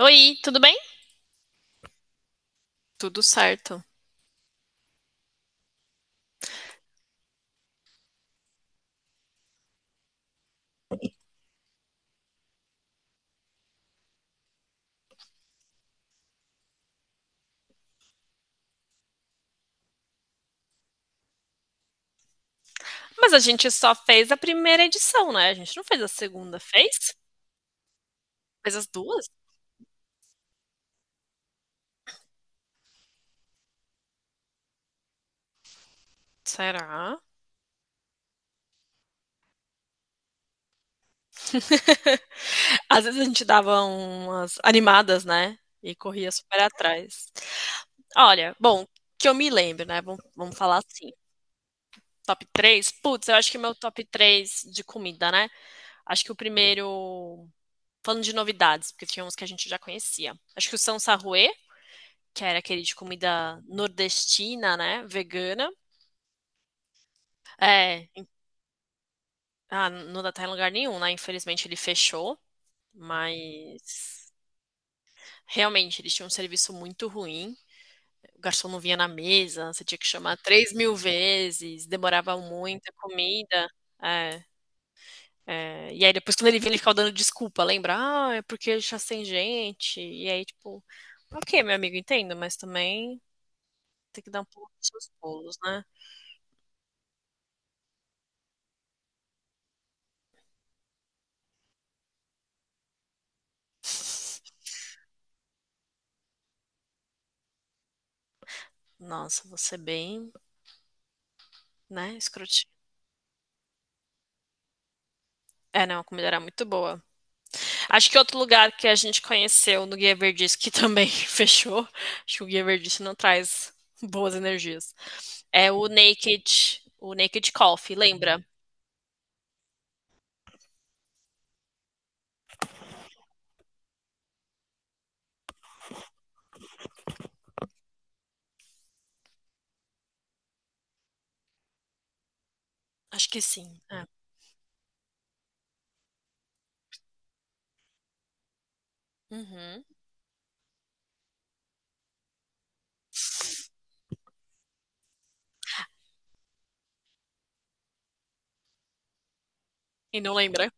Oi, tudo bem? Tudo certo. Mas a gente só fez a primeira edição, né? A gente não fez a segunda, fez? Fez as duas? Será? Às vezes a gente dava umas animadas, né? E corria super atrás. Olha, bom, que eu me lembro, né? Vamos falar assim. Top 3. Putz, eu acho que meu top 3 de comida, né? Acho que o primeiro. Falando de novidades, porque tinha uns que a gente já conhecia. Acho que o São Sarruê, que era aquele de comida nordestina, né? Vegana. É, ah, não dá, tá em lugar nenhum, né? Infelizmente ele fechou, mas realmente eles tinham um serviço muito ruim. O garçom não vinha na mesa, você tinha que chamar 3.000 vezes, demorava muito a comida. É, é. E aí depois quando ele vinha, ele ficava dando desculpa, lembra? Ah, é porque já tem gente. E aí, tipo, ok, meu amigo, entendo, mas também tem que dar um pouco dos seus pulos, né? Nossa, você é bem, né, escrotinho. É, não, a comida era muito boa. Acho que outro lugar que a gente conheceu no Guia Verdice, que também fechou, acho que o Guia Verdice não traz boas energias, é o Naked Coffee, lembra? Acho que sim. É. Uhum. E não lembra?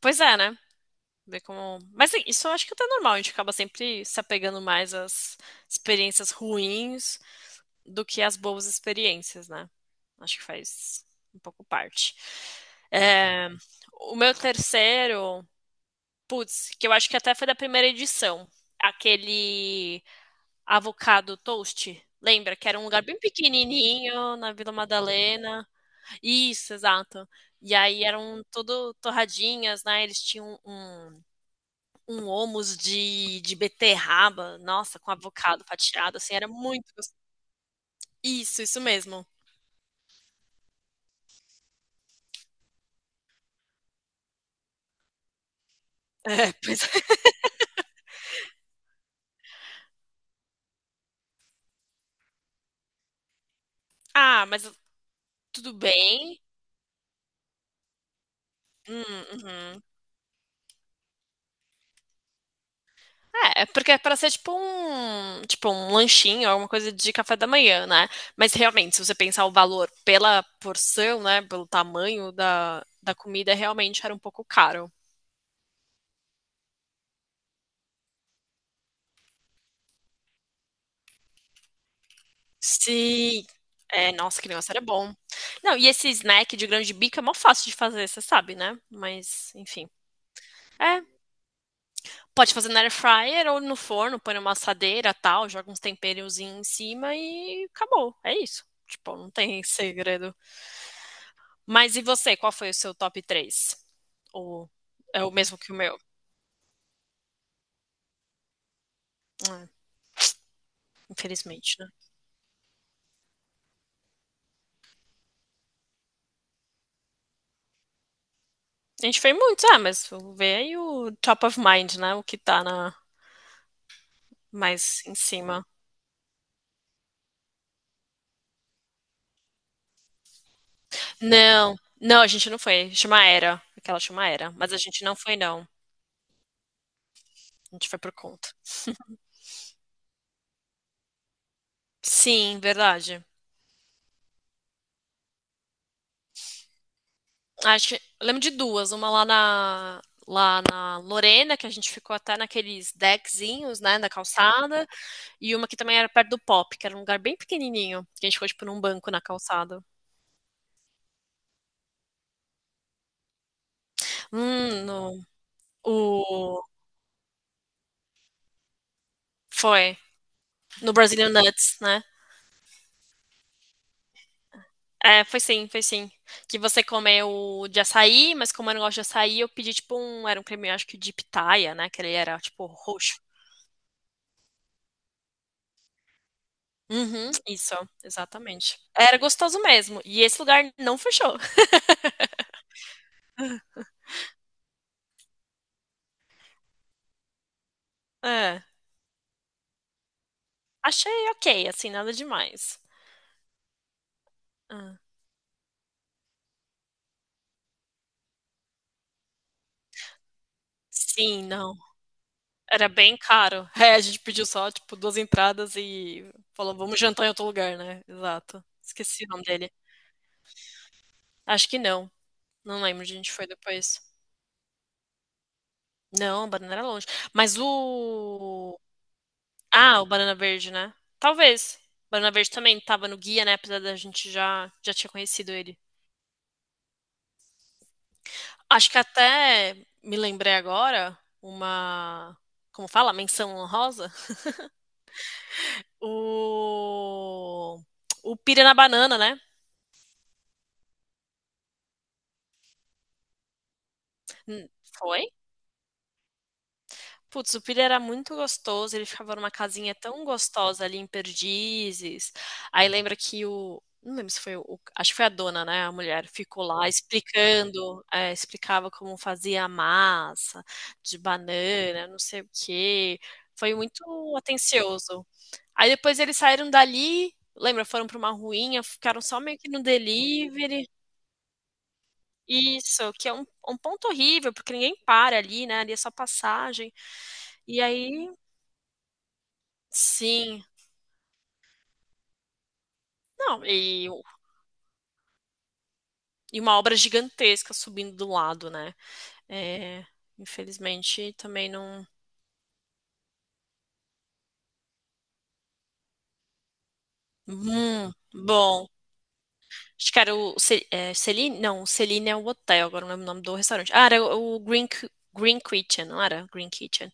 Pois é, né? Ver como... Mas isso eu acho que até é até normal, a gente acaba sempre se apegando mais às experiências ruins do que às boas experiências, né? Acho que faz um pouco parte. É, o meu terceiro. Putz, que eu acho que até foi da primeira edição. Aquele avocado toast. Lembra que era um lugar bem pequenininho na Vila Madalena? Isso, exato. E aí eram tudo torradinhas, né? Eles tinham um homus de beterraba, nossa, com avocado fatiado, assim, era muito gostoso. Isso mesmo. É, pois é. Ah, mas tudo bem? Hum, uhum. É, é porque é para ser tipo um, lanchinho, alguma coisa de café da manhã, né? Mas realmente, se você pensar o valor pela porção, né, pelo tamanho da comida, realmente era um pouco caro. Sim. É, nossa, que negócio era bom. Não, e esse snack de grão de bico é mó fácil de fazer, você sabe, né? Mas, enfim. É, pode fazer na air fryer ou no forno, põe numa assadeira, tal, joga uns temperozinhos em cima e acabou. É isso. Tipo, não tem segredo. Mas e você, qual foi o seu top 3? Ou é o mesmo que o meu? Ah, infelizmente, né? A gente fez muitos, ah, mas vou ver aí o top of mind, né? O que tá mais em cima. Não, não, a gente não foi. Chama Era, aquela chama Era. Mas a gente não foi, não. A gente foi por conta. Sim, verdade. Acho que, eu lembro de duas, uma lá na Lorena, que a gente ficou até naqueles deckzinhos, né, na calçada. E uma que também era perto do Pop, que era um lugar bem pequenininho. Que a gente foi, tipo, num banco na calçada. No, o. Foi. No Brazilian Nuts, né? É, foi sim, foi sim. Que você comeu de açaí, mas como eu não gosto de açaí, eu pedi, tipo, um. Era um creme, acho que de pitaia, né? Que ele era, tipo, roxo. Uhum, isso, exatamente. Era gostoso mesmo. E esse lugar não fechou. É, achei ok, assim, nada demais. Ah, sim, não. Era bem caro. É, a gente pediu só, tipo, duas entradas e falou, vamos jantar em outro lugar, né? Exato. Esqueci o nome dele. Acho que não. Não lembro onde a gente foi depois. Não, o banana era longe. Mas o. Ah, o banana verde, né? Talvez. O banana verde também tava no guia, né? Apesar da gente já tinha conhecido ele. Acho que até me lembrei agora uma. Como fala? Menção honrosa? O. O pira na banana, né? Hum, foi? Putz, o Pilha era muito gostoso, ele ficava numa casinha tão gostosa ali em Perdizes. Aí lembra que o. Não lembro se foi o. Acho que foi a dona, né? A mulher ficou lá explicando, é, explicava como fazia a massa de banana, não sei o quê. Foi muito atencioso. Aí depois eles saíram dali, lembra? Foram para uma ruinha, ficaram só meio que no delivery. Isso, que é um ponto horrível, porque ninguém para ali, né? Ali é só passagem. E aí, sim, não, e uma obra gigantesca subindo do lado, né? É, infelizmente, também não. Hum, bom. Acho que era o é, Celine? Não, o Celine é o hotel, agora não lembro o nome do restaurante. Ah, era o Green, Green Kitchen, não era? Green Kitchen.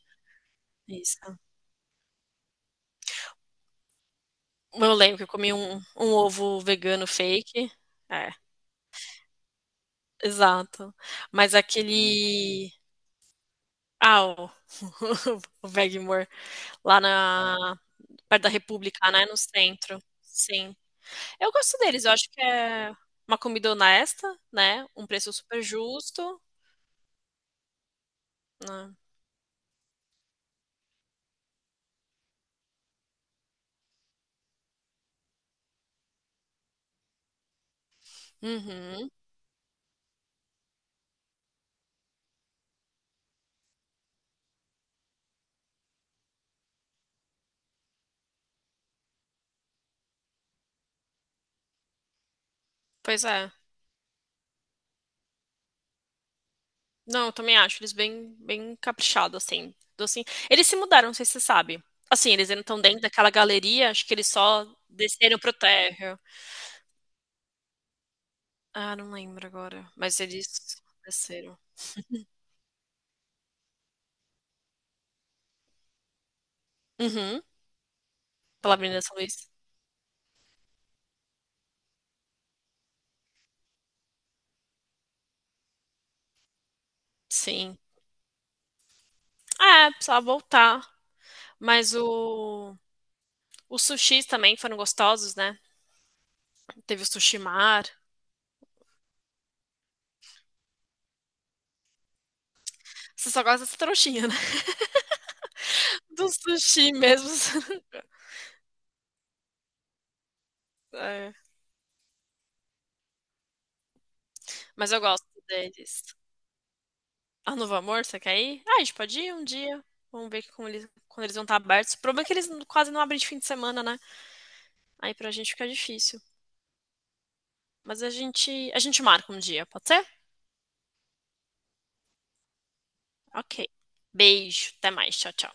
Isso. Eu lembro que eu comi um ovo vegano fake. É, exato. Mas aquele. Ah, o, o Bag More, lá na. Perto da República, né? No centro. Sim. Eu gosto deles, eu acho que é uma comida honesta, né? Um preço super justo, né? Uhum. Pois é. Não, eu também acho eles bem, bem caprichados, assim. Docinho. Eles se mudaram, não sei se você sabe. Assim, eles ainda estão dentro daquela galeria, acho que eles só desceram pro térreo. Ah, não lembro agora, mas eles desceram. Uhum, pela Avenida São Luís. Sim. Ah, é, precisava voltar. Mas o. Os sushis também foram gostosos, né? Teve o sushi mar. Você só gosta dessa trouxinha, né? Do sushi mesmo. É. Mas eu gosto deles. Ah, Novo Amor, você quer ir? Ah, a gente pode ir um dia. Vamos ver como eles, quando eles vão estar abertos. O problema é que eles quase não abrem de fim de semana, né? Aí pra gente fica difícil. Mas a gente marca um dia, pode ser? Ok. Beijo, até mais, tchau, tchau.